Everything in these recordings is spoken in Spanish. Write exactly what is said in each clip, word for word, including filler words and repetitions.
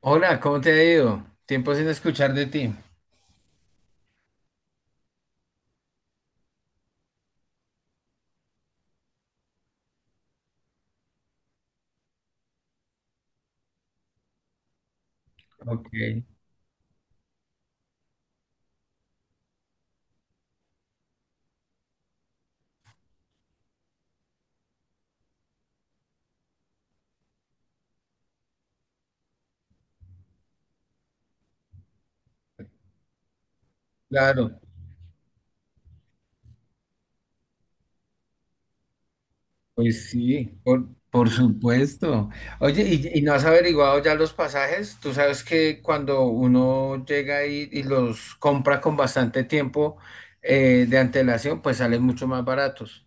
Hola, ¿cómo te ha ido? Tiempo sin escuchar de ti. Ok, claro, pues sí, por, por supuesto. Oye, ¿y, y no has averiguado ya los pasajes? Tú sabes que cuando uno llega y, y los compra con bastante tiempo eh, de antelación, pues salen mucho más baratos.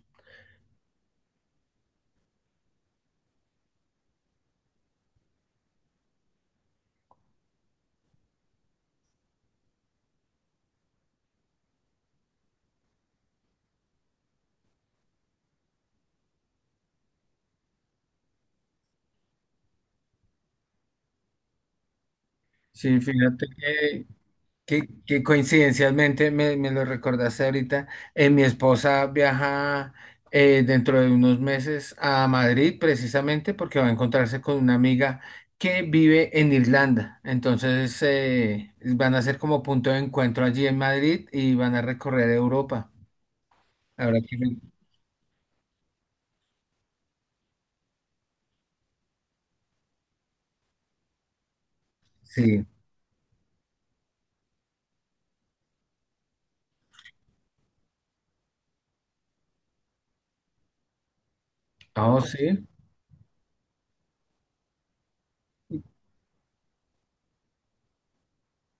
Sí, fíjate que Que, que coincidencialmente me, me lo recordaste ahorita, eh, mi esposa viaja eh, dentro de unos meses a Madrid precisamente porque va a encontrarse con una amiga que vive en Irlanda. Entonces eh, van a ser como punto de encuentro allí en Madrid y van a recorrer Europa. Ahora que me- sí, oh sí.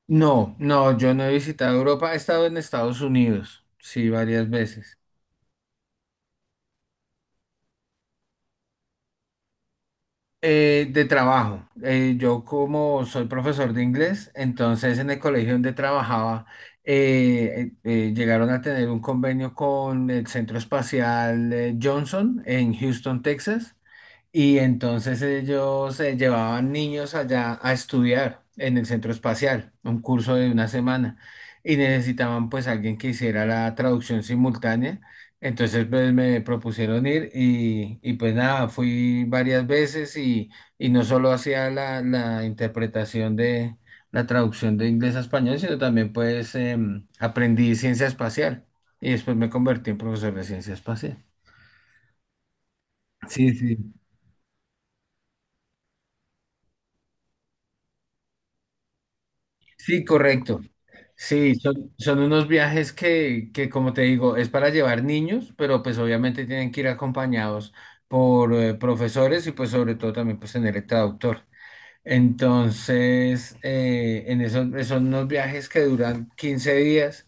No, no, yo no he visitado Europa, he estado en Estados Unidos, sí, varias veces. Eh, de trabajo. Eh, yo como soy profesor de inglés, entonces en el colegio donde trabajaba eh, eh, eh, llegaron a tener un convenio con el Centro Espacial eh, Johnson en Houston, Texas, y entonces ellos eh, llevaban niños allá a estudiar en el Centro Espacial, un curso de una semana, y necesitaban pues alguien que hiciera la traducción simultánea. Entonces pues, me propusieron ir y, y pues nada, fui varias veces y, y no solo hacía la, la interpretación de la traducción de inglés a español, sino también pues em, aprendí ciencia espacial y después me convertí en profesor de ciencia espacial. Sí, sí. Sí, correcto. Sí, son, son unos viajes que, que, como te digo, es para llevar niños, pero pues obviamente tienen que ir acompañados por eh, profesores y pues sobre todo también pues tener el traductor. Entonces, eh, en esos, esos unos viajes que duran quince días,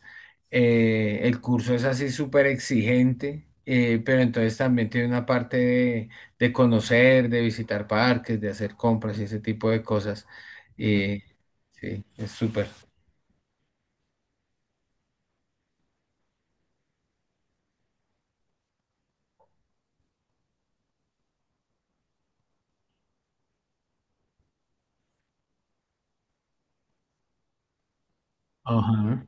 eh, el curso es así súper exigente, eh, pero entonces también tiene una parte de, de conocer, de visitar parques, de hacer compras y ese tipo de cosas. Y sí, es súper. Ajá.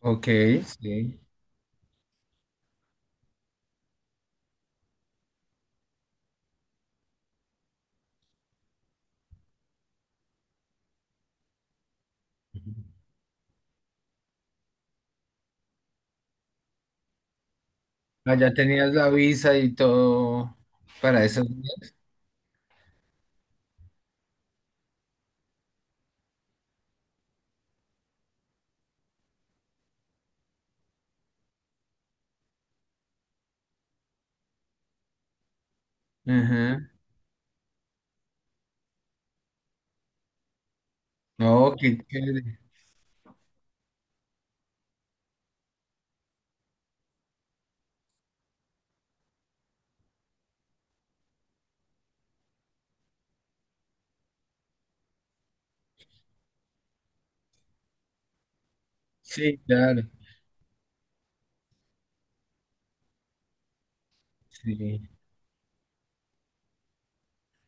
Ok, sí. Ah, ya tenías la visa y todo para esos días. Ajá. No, qué chévere. Sí, claro. Sí.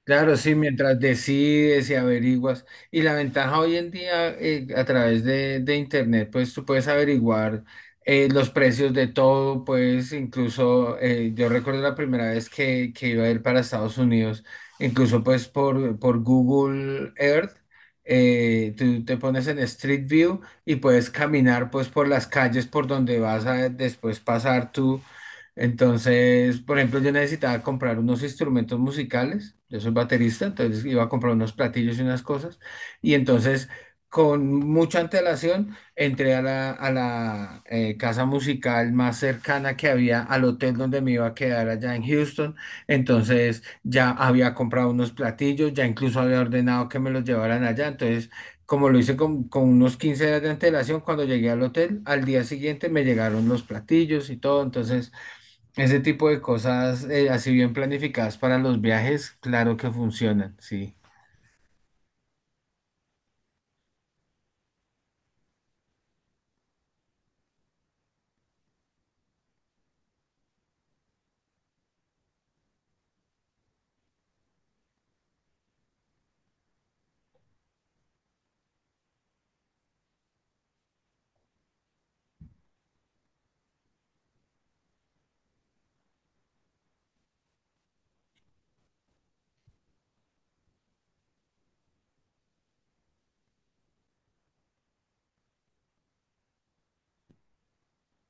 Claro, sí, mientras decides y averiguas. Y la ventaja hoy en día eh, a través de, de Internet, pues tú puedes averiguar eh, los precios de todo, pues incluso eh, yo recuerdo la primera vez que, que iba a ir para Estados Unidos, incluso pues por, por Google Earth, eh, tú te pones en Street View y puedes caminar pues por las calles por donde vas a después pasar tú entonces, por ejemplo, yo necesitaba comprar unos instrumentos musicales, yo soy baterista, entonces iba a comprar unos platillos y unas cosas, y entonces con mucha antelación entré a la, a la eh, casa musical más cercana que había al hotel donde me iba a quedar allá en Houston, entonces ya había comprado unos platillos, ya incluso había ordenado que me los llevaran allá, entonces... Como lo hice con, con unos quince días de antelación, cuando llegué al hotel, al día siguiente me llegaron los platillos y todo, entonces ese tipo de cosas, eh, así bien planificadas para los viajes, claro que funcionan, sí.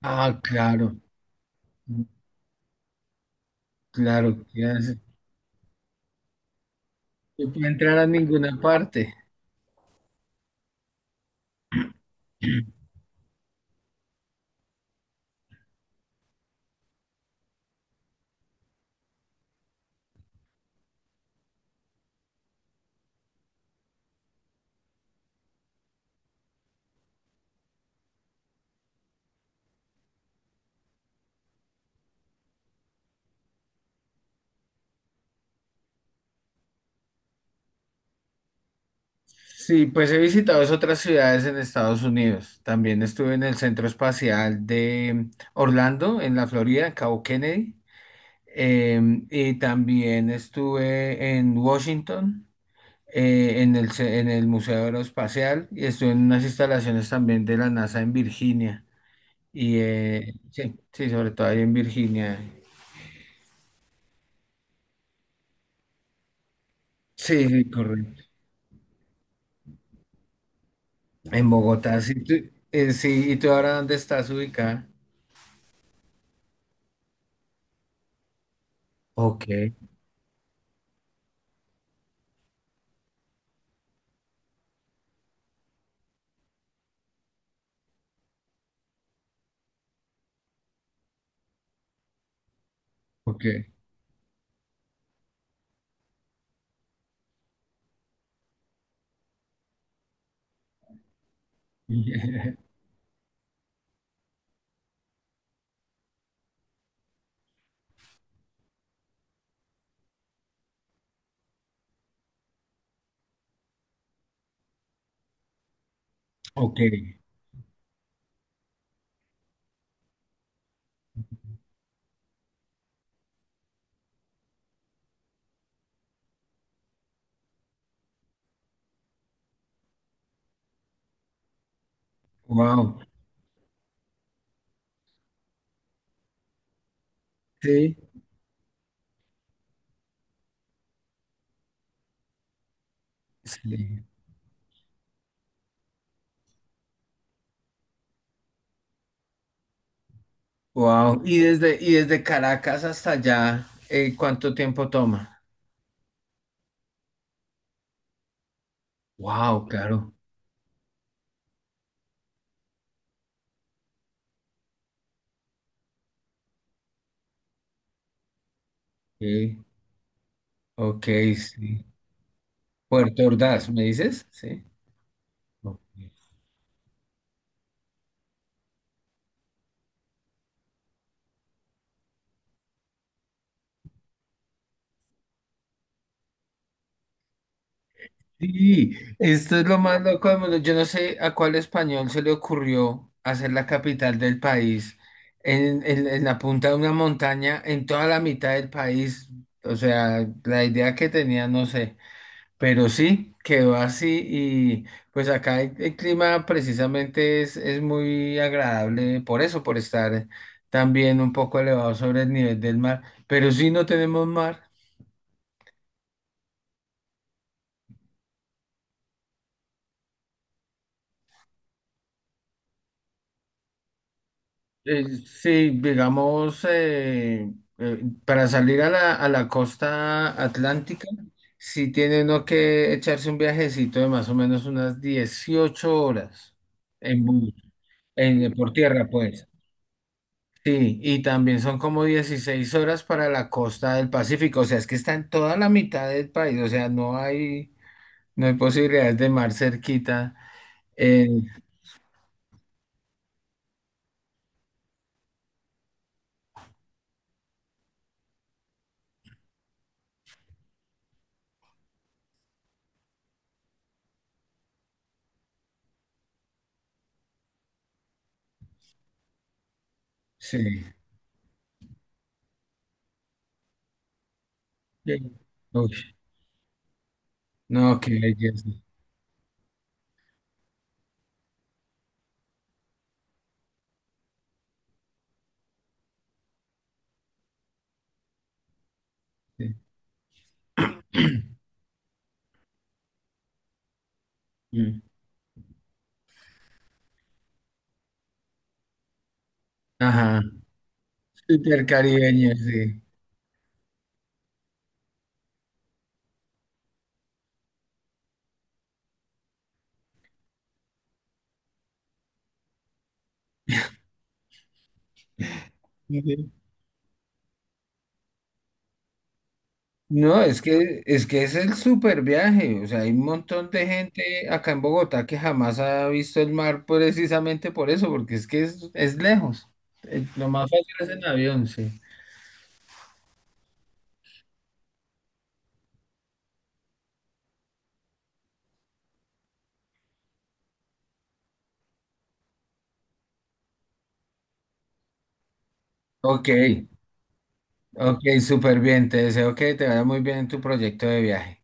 Ah, claro, claro, ya sé. No puede entrar a ninguna parte. Sí, pues he visitado es otras ciudades en Estados Unidos. También estuve en el Centro Espacial de Orlando, en la Florida, en Cabo Kennedy. Em, y también estuve en Washington, eh, en el, ce- en el Museo Aeroespacial, y estuve en unas instalaciones también de la NASA en Virginia. Y eh, sí, sí, sobre todo ahí en Virginia. Sí, sí, correcto. En Bogotá, sí, tú- eh, sí, ¿y tú ahora dónde estás ubicada? Ok, ok. Ok, wow. Sí, sí. Wow. Y desde, y desde Caracas hasta allá, eh, ¿cuánto tiempo toma? Wow, claro. Sí, ok, sí. Puerto Ordaz, ¿me dices? Sí. Ok. Sí, esto es lo más loco del mundo. Yo no sé a cuál español se le ocurrió hacer la capital del país en, en- en la punta de una montaña, en toda la mitad del país. O sea, la idea que tenía, no sé. Pero sí, quedó así y pues acá el, el clima precisamente es, es muy agradable por eso, por estar también un poco elevado sobre el nivel del mar. Pero sí no tenemos mar. Eh, sí, digamos, eh, eh, para salir a la, a la costa atlántica, sí tiene uno que echarse un viajecito de más o menos unas dieciocho horas en bus, en, eh, por tierra, pues. Sí, y también son como dieciséis horas para la costa del Pacífico, o sea, es que está en toda la mitad del país, o sea, no hay, no hay posibilidades de mar cerquita. eh, sí. Sí. Uy, no, qué belleza. Sí. Ajá, súper caribeño, sí. Ujú. No, es que, es que es el súper viaje. O sea, hay un montón de gente acá en Bogotá que jamás ha visto el mar precisamente por eso, porque es que es, es lejos. Eh, Lo más fácil es en avión, sí. Ok, ok, súper bien. Te deseo que te vaya muy bien en tu proyecto de viaje.